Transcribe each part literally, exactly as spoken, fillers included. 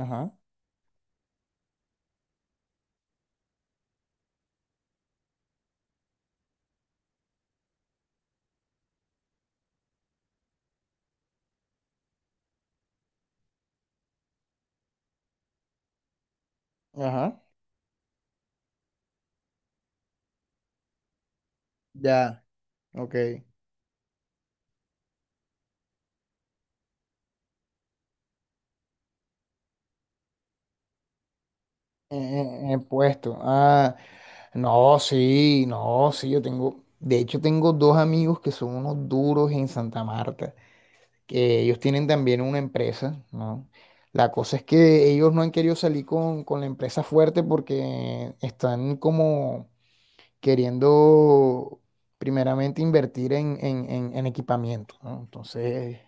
Ajá, ajá, ya, ok. En, en- en puesto. Ah, no, sí, no, sí, yo tengo, de hecho tengo dos amigos que son unos duros en Santa Marta, que ellos tienen también una empresa, ¿no? La cosa es que ellos no han querido salir con, con la empresa fuerte porque están como queriendo primeramente invertir en, en, en, en equipamiento, ¿no? Entonces.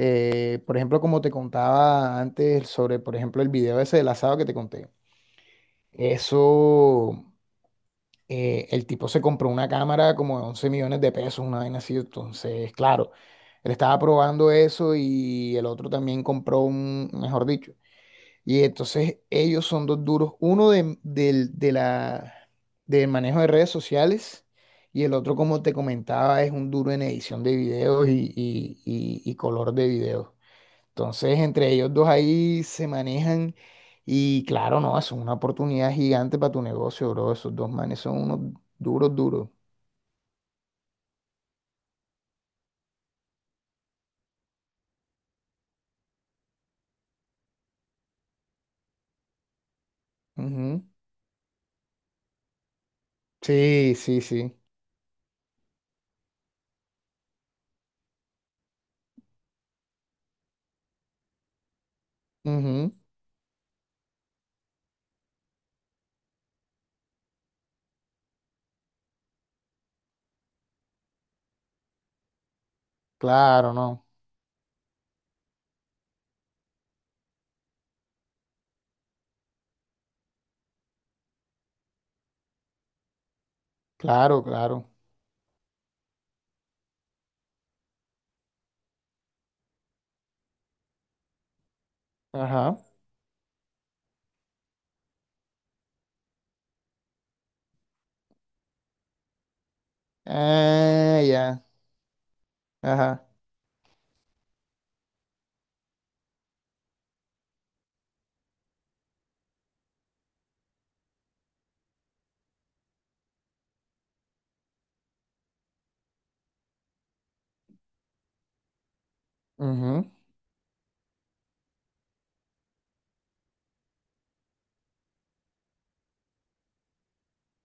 Eh, por ejemplo, como te contaba antes sobre, por ejemplo, el video ese del asado que te conté. Eso, eh, el tipo se compró una cámara como de once millones de pesos millones de pesos, una vaina así. Entonces, claro, él estaba probando eso y el otro también compró un, mejor dicho. Y entonces ellos son dos duros, uno de, del, de la, del manejo de redes sociales y el otro, como te comentaba, es un duro en edición de videos y, y y- y color de videos. Entonces, entre ellos dos ahí se manejan y claro, no, eso es una oportunidad gigante para tu negocio, bro. Esos dos manes son unos duros, duros. Ujú. Sí, sí, sí. Ujú. Claro, no. Claro, claro. Ajá. Ah, ya. Ajá. Ujú.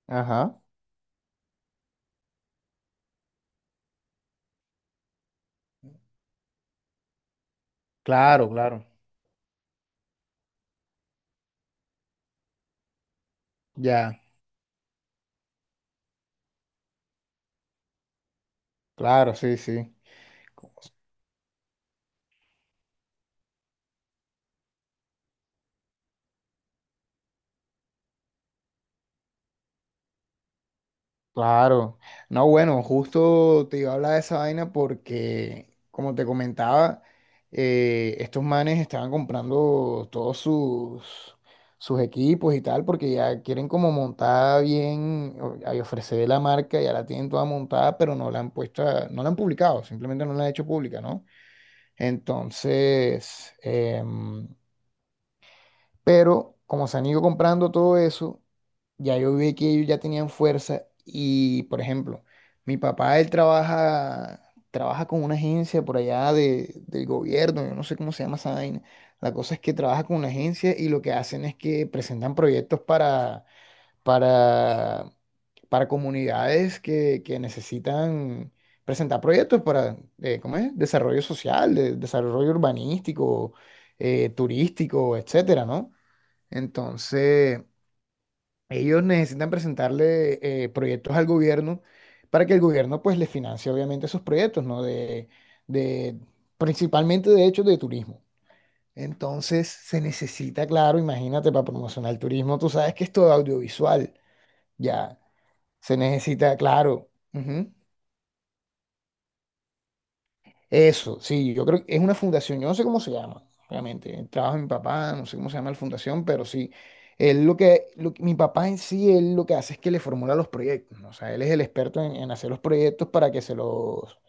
Ajá. Claro, claro. Ya. Claro, sí, sí. Claro. No, bueno, justo te iba a hablar de esa vaina porque, como te comentaba, eh, estos manes estaban comprando todos sus, sus equipos y tal, porque ya quieren como montar bien, o- a ofrecer la marca, ya la tienen toda montada, pero no la han puesto, a- no la han publicado, simplemente no la han hecho pública, ¿no? Entonces, em, pero como se han ido comprando todo eso, ya yo vi que ellos ya tenían fuerza y, por ejemplo, mi papá, él trabaja, trabaja con una agencia por allá de, del gobierno, yo no sé cómo se llama esa vaina. La cosa es que trabaja con una agencia y lo que hacen es que presentan proyectos para, para, para comunidades que, que necesitan presentar proyectos para, eh, ¿cómo es? Desarrollo social, de- desarrollo urbanístico, eh, turístico, etcétera, ¿no? Entonces. Ellos necesitan presentarle eh, proyectos al gobierno para que el gobierno pues les financie obviamente esos proyectos, ¿no? De, de, Principalmente de hecho de turismo. Entonces se necesita, claro, imagínate, para promocionar el turismo, tú sabes que es todo audiovisual, ya. Se necesita, claro. Ujú. Eso, sí, yo creo que es una fundación, yo no sé cómo se llama, obviamente, el trabajo de mi papá, no sé cómo se llama la fundación, pero sí, él lo que, lo que- mi papá en sí, él lo que hace es que le formula los proyectos, ¿no? O sea, él es el experto en, en hacer los proyectos para que se los,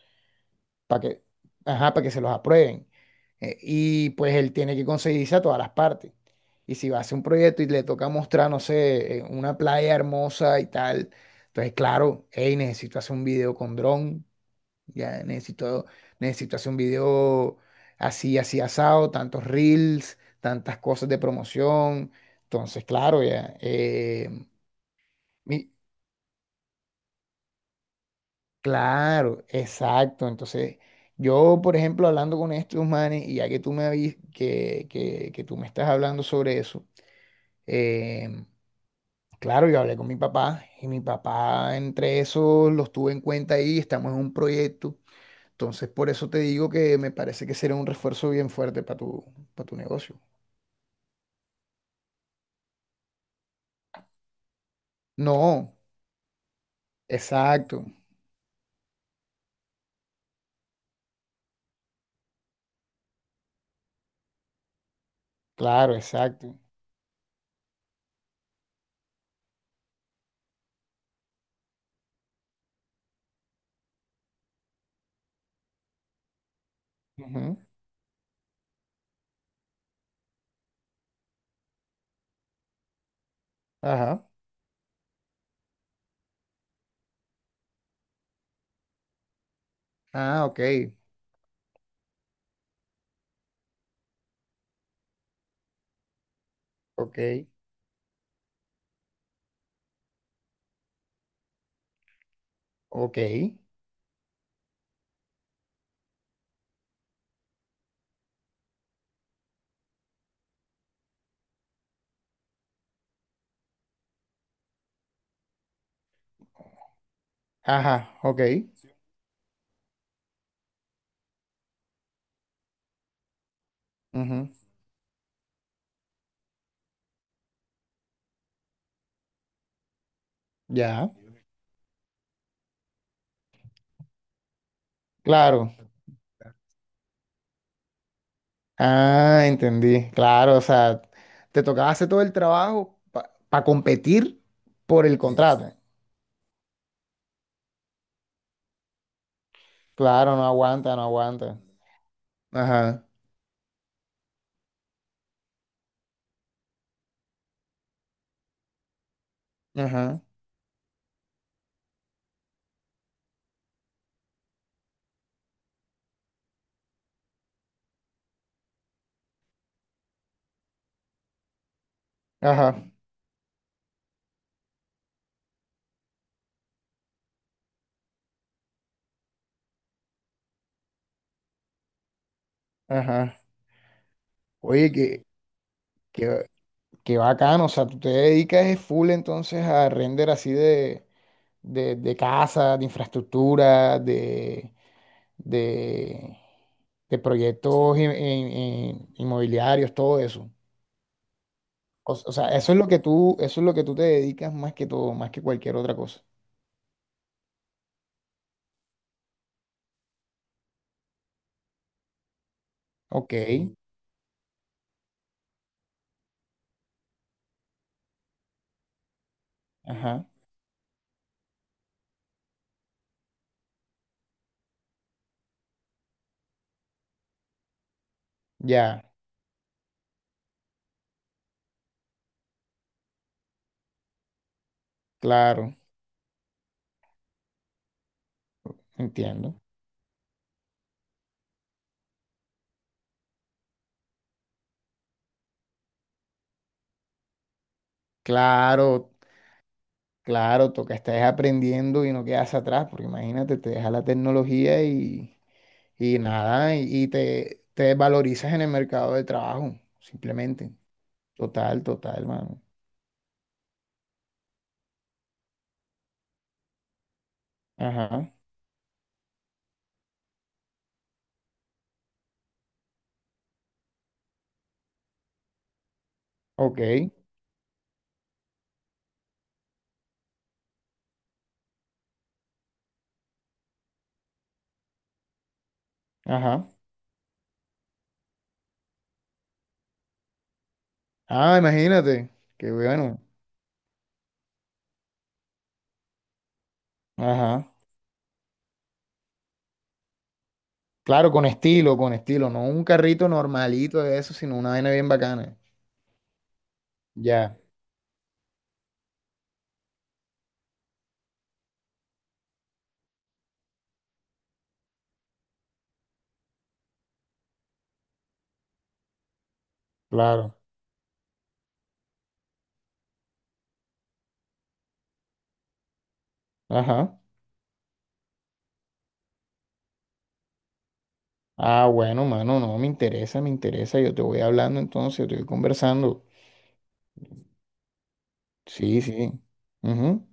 para que, ajá, para que se los aprueben. Eh, y pues él tiene que conseguirse a todas las partes. Y si va a hacer un proyecto y le toca mostrar, no sé, eh, una playa hermosa y tal, entonces, claro, hey, necesito hacer un video con dron. Ya necesito, necesito hacer un video así, así asado, tantos reels, tantas cosas de promoción. Entonces, claro, ya. eh, mi- claro, exacto. Entonces, yo, por ejemplo, hablando con estos manes, y ya que tú me avis- que, que, que tú me estás hablando sobre eso, eh, claro, yo hablé con mi papá, y mi papá, entre esos, los tuve en cuenta ahí, estamos en un proyecto. Entonces, por eso te digo que me parece que sería un refuerzo bien fuerte para tu, para tu negocio. No, exacto, claro, exacto. Ujú, ajá. Ah, ok, ok, ok. Ajá, ok. Ujú, ya, claro. Ah, entendí. Claro, o sea, te tocaba hacer todo el trabajo para competir por el contrato. Claro, no aguanta, no aguanta. Ajá, ajá, ajá, ajá. Oye, que, qué bacano, o sea, tú te dedicas full entonces a render así de, de, de casa, de infraestructura, de, de, de proyectos in- in- in- inmobiliarios, todo eso. O, o sea, eso es lo que tú, eso es lo que tú te dedicas más que todo, más que cualquier otra cosa. Ok, sí. Ajá, ya, claro, entiendo. Claro, claro, toca estar aprendiendo y no quedas atrás, porque imagínate, te deja la tecnología. Y nada, y, y te, te valorizas en el mercado de trabajo, simplemente. Total, total, mano. Ajá, ok, ajá. Ah, imagínate, qué bueno. Ajá. Claro, con estilo, con estilo, no un carrito normalito de eso, sino una vaina bien bacana. Ya, claro. Ajá. Ah, bueno, mano, no, me interesa, me interesa. Yo te voy hablando entonces, yo te voy conversando. Sí, sí. Ujú.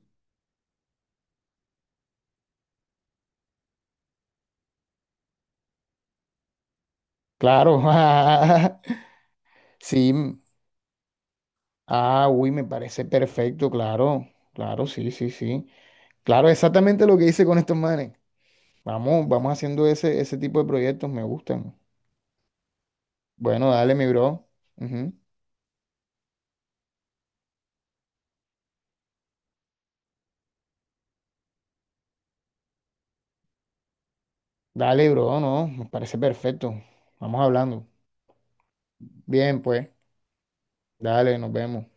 Claro. Sí, ah, uy, me parece perfecto, claro, claro, sí, sí, sí. Claro, exactamente lo que hice con estos manes. Vamos, vamos haciendo ese, ese tipo de proyectos, me gustan. Bueno, dale, mi bro. Ujú. Dale, bro, no, me parece perfecto. Vamos hablando. Bien, pues, dale, nos vemos.